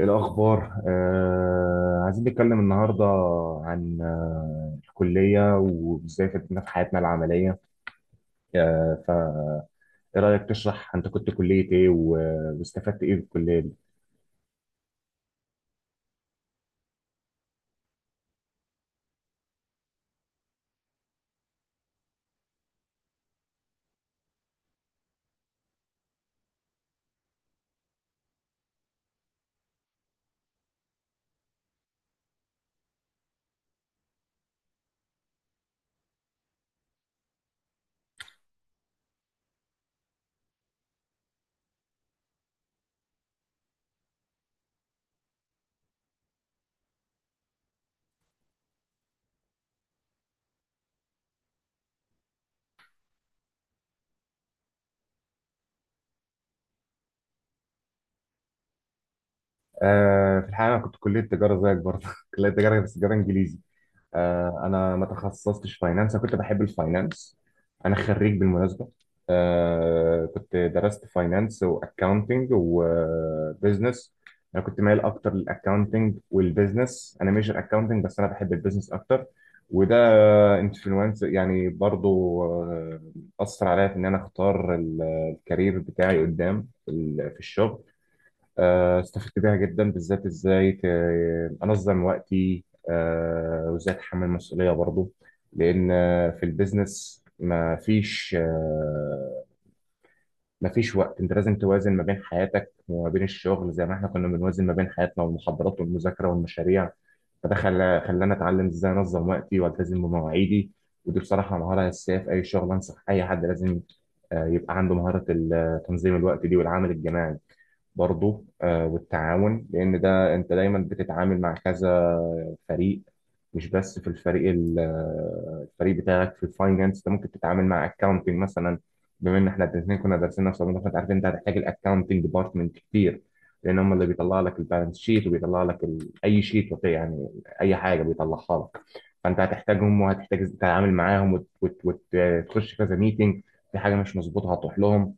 إيه الأخبار؟ عايزين نتكلم النهاردة عن الكلية وإزاي فادتنا في حياتنا العملية، فإيه رأيك تشرح أنت كنت كلية إيه واستفدت إيه في الكلية دي؟ في الحقيقة أنا كنت كلية تجارة زيك برضه، كلية تجارة بس تجارة إنجليزي، انا ما تخصصتش فاينانس، انا كنت بحب الفاينانس. انا خريج بالمناسبه. كنت درست فاينانس واكاونتنج وبزنس. انا كنت مايل اكتر للاكاونتنج والبزنس، انا ميجر اكاونتنج بس انا بحب البزنس اكتر. وده انفلونس يعني برضو، اثر عليا في ان انا اختار الكارير بتاعي قدام في الشغل. استفدت بيها جدا، بالذات ازاي انظم وقتي، وازاي اتحمل مسؤوليه برضو. لان في البيزنس ما فيش وقت، انت لازم توازن ما بين حياتك وما بين الشغل زي ما احنا كنا بنوازن ما بين حياتنا والمحاضرات والمذاكره والمشاريع. فده خلاني اتعلم ازاي انظم وقتي والتزم بمواعيدي. ودي بصراحه مهاره اساسيه في اي شغل، انصح اي حد لازم يبقى عنده مهاره تنظيم الوقت دي، والعمل الجماعي برضو، والتعاون، لأن ده أنت دايما بتتعامل مع كذا فريق. مش بس في الفريق الفريق بتاعك في الفاينانس، أنت ممكن تتعامل مع أكاونتنج مثلا. بما إن إحنا الاتنين كنا دارسين نفس الموضوع، فأنت عارف أنت هتحتاج الأكاونتنج ديبارتمنت كتير، لأن هم اللي بيطلع لك البالانس شيت وبيطلع لك أي شيت يعني أي حاجة بيطلعها لك، فأنت هتحتاجهم وهتحتاج تتعامل معاهم وتخش كذا ميتنج. في حاجة مش مظبوطة هتروح لهم،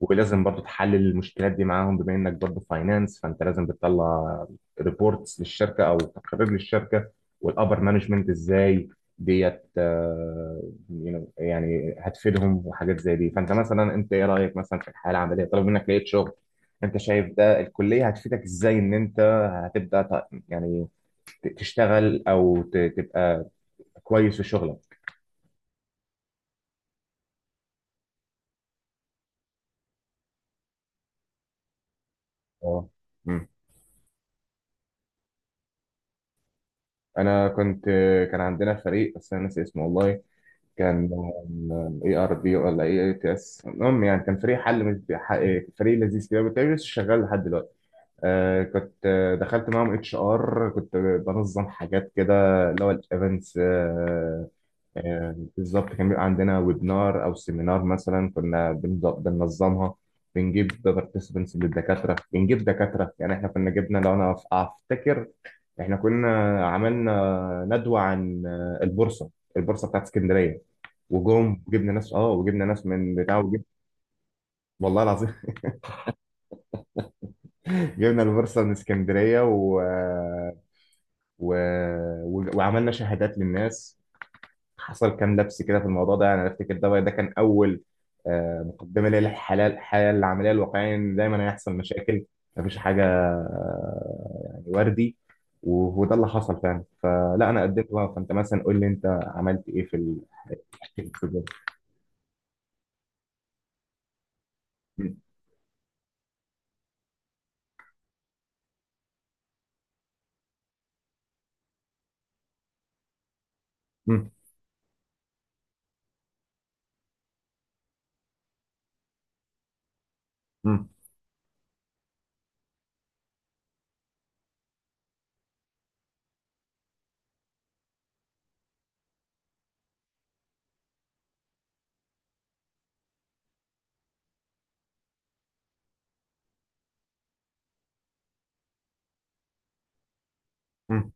ولازم برضو تحلل المشكلات دي معاهم. بما انك برضو فاينانس، فانت لازم بتطلع ريبورتس للشركه او تقارير للشركه، والابر مانجمنت ازاي ديت، يعني هتفيدهم وحاجات زي دي. فانت مثلا، انت ايه رايك مثلا في الحياه العمليه طالما منك لقيت شغل؟ انت شايف ده الكليه هتفيدك ازاي ان انت هتبدا يعني تشتغل او تبقى كويس في شغلك؟ اه. مم. انا كنت، كان عندنا فريق بس انا ناسي اسمه والله. كان اي ار بي ولا اي اي تي اس، المهم يعني كان فريق حل من، فريق لذيذ كده، كنت لسه شغال لحد دلوقتي. كنت دخلت معاهم اتش ار، كنت بنظم حاجات كده، اللي هو الايفنتس. آه آه بالظبط. كان بيبقى عندنا ويبنار او سيمينار مثلا، كنا بننظمها، بنجيب بارتيسبنتس للدكاتره، بنجيب دكاتره. يعني احنا كنا جبنا، لو انا افتكر، احنا كنا عملنا ندوه عن البورصه، البورصه بتاعت اسكندريه. وجم وجبنا ناس اه وجبنا ناس من بتاع وجب. والله العظيم. جبنا البورصه من اسكندريه و... وعملنا شهادات للناس. حصل كام لبس كده في الموضوع ده، يعني انا افتكر ده كان اول مقدمه ليا للحياه العمليه الواقعيه، ان دايما هيحصل مشاكل، مفيش حاجه يعني وردي. وده اللي حصل فعلا. فلا، انا قدمت بقى، فانت مثلا قول لي انت عملت ايه في في الجو. م- م- م- م-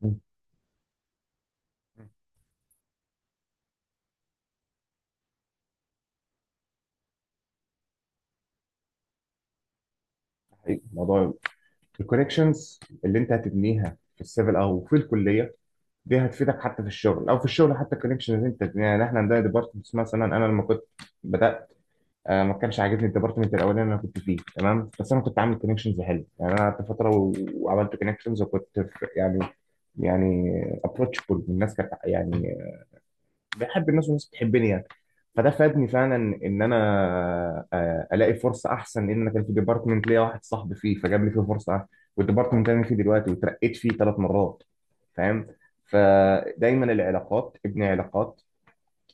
م- حقيقي. الموضوع، الكونكشنز اللي انت هتبنيها في السيفل او في الكليه دي هتفيدك حتى في الشغل، او في الشغل حتى الكونكشنز اللي انت تبنيها. يعني احنا عندنا ديبارتمنتس مثلا، انا لما كنت بدات ما كانش عاجبني الديبارتمنت الاولاني اللي انا كنت فيه، تمام، بس انا كنت عامل كونكشنز حلو. يعني انا قعدت فتره وعملت كونكشنز، وكنت في يعني، يعني ابروتشبل، الناس كانت يعني بحب الناس والناس بتحبني يعني. فده فادني فعلا ان انا الاقي فرصه احسن، لان انا كان في ديبارتمنت ليا واحد صاحبي فيه، فجاب لي فيه فرصه احسن، والديبارتمنت اللي انا فيه دلوقتي وترقيت فيه 3 مرات. فاهم؟ فدايما العلاقات، ابني علاقات.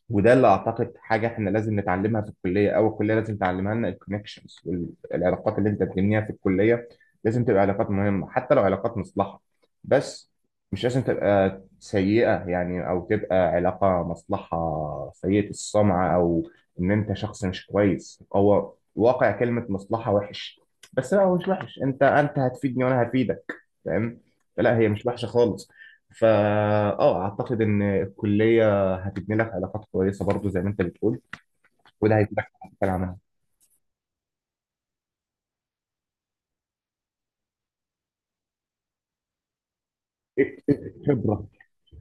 وده اللي اعتقد حاجه احنا لازم نتعلمها في الكليه، او الكليه لازم تعلمها لنا، الكونكشنز والعلاقات اللي انت بتبنيها في الكليه لازم تبقى علاقات مهمه، حتى لو علاقات مصلحه. بس مش لازم تبقى سيئه يعني، او تبقى علاقه مصلحه سيئه السمعه، او ان انت شخص مش كويس. هو واقع كلمه مصلحه وحش، بس لا هو مش وحش، انت انت هتفيدني وانا هفيدك. فاهم؟ فلا هي مش وحشه خالص. فا اه، اعتقد ان الكليه هتبني لك علاقات كويسه برضو زي ما انت بتقول، وده هيفيدك في حاجات تانية عنها. خبره،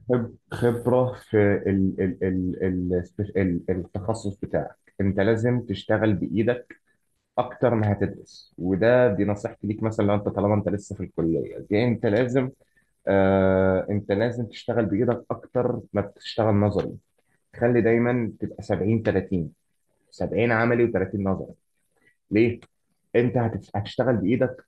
خبره في ال ال ال ال التخصص بتاعك. انت لازم تشتغل بايدك اكتر ما هتدرس، وده دي نصيحتي ليك مثلا. لو انت طالما انت لسه في الكليه دي، انت لازم انت لازم تشتغل بايدك اكتر ما بتشتغل نظري. خلي دايما تبقى 70 30، 70 عملي و30 نظري. ليه؟ انت هتشتغل بايدك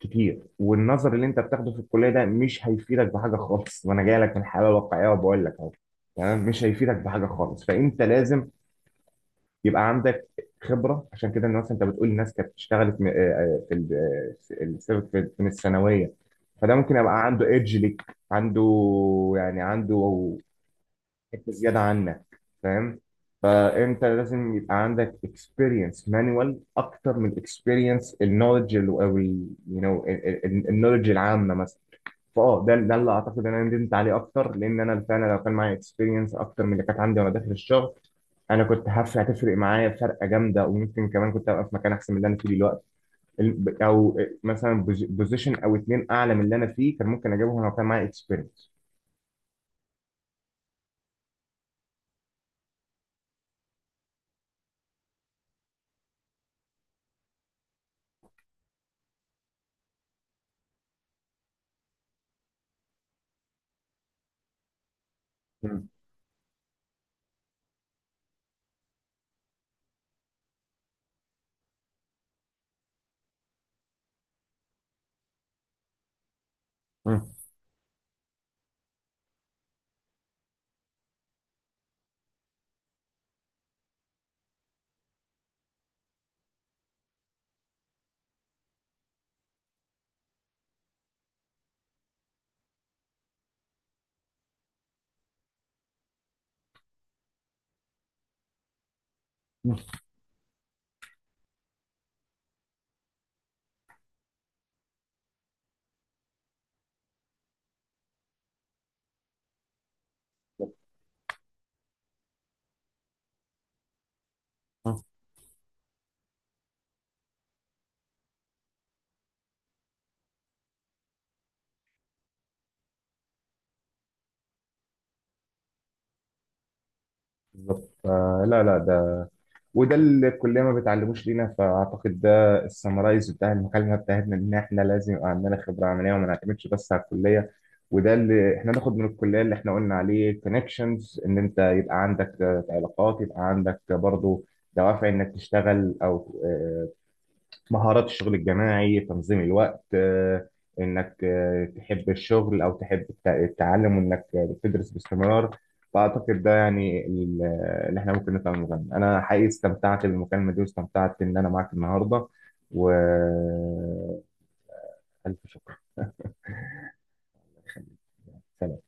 كتير، والنظر اللي انت بتاخده في الكليه ده مش هيفيدك بحاجه خالص، وانا جاي لك من حاله واقعيه وبقول لك اهو. تمام، مش هيفيدك بحاجه خالص، فانت لازم يبقى عندك خبره. عشان كده الناس، انت بتقول الناس كانت اشتغلت م- آه، آه، في ال- آه، السبب من الثانويه، فده ممكن يبقى عنده ايدج ليك، عنده يعني، عنده حته زياده عنك. فاهم؟ فانت لازم يبقى عندك اكسبيرينس مانوال اكتر من اكسبيرينس النولج، او يو نو، النولج العامه مثلا. فاه، ده اللي اعتقد ان انا ندمت عليه اكتر، لان انا فعلا لو كان معايا اكسبيرينس اكتر من اللي كانت عندي وانا داخل الشغل، انا كنت هتفرق معايا فرقه جامده، وممكن كمان كنت ابقى في مكان احسن من اللي انا فيه دلوقتي. ال- او مثلا بوزيشن او اتنين اعلى من اللي انا فيه كان ممكن اجيبهم لو كان معايا اكسبيرينس. بالظبط. فلا لا ده وده اللي الكليه ما بتعلموش لينا. فاعتقد ده السمرايز بتاع المكالمه بتاعتنا، ان احنا لازم يبقى عندنا خبره عمليه وما نعتمدش بس على الكليه. وده اللي احنا ناخد من الكليه، اللي احنا قلنا عليه كونكشنز، ان انت يبقى عندك علاقات، يبقى عندك برضو دوافع انك تشتغل، او مهارات الشغل الجماعي، تنظيم الوقت، انك تحب الشغل او تحب التعلم، وانك تدرس باستمرار. فاعتقد ده يعني اللي احنا ممكن نفهمه منه. انا حقيقي استمتعت بالمكالمة دي، واستمتعت ان انا معاك النهاردة. والف شكر. سلام.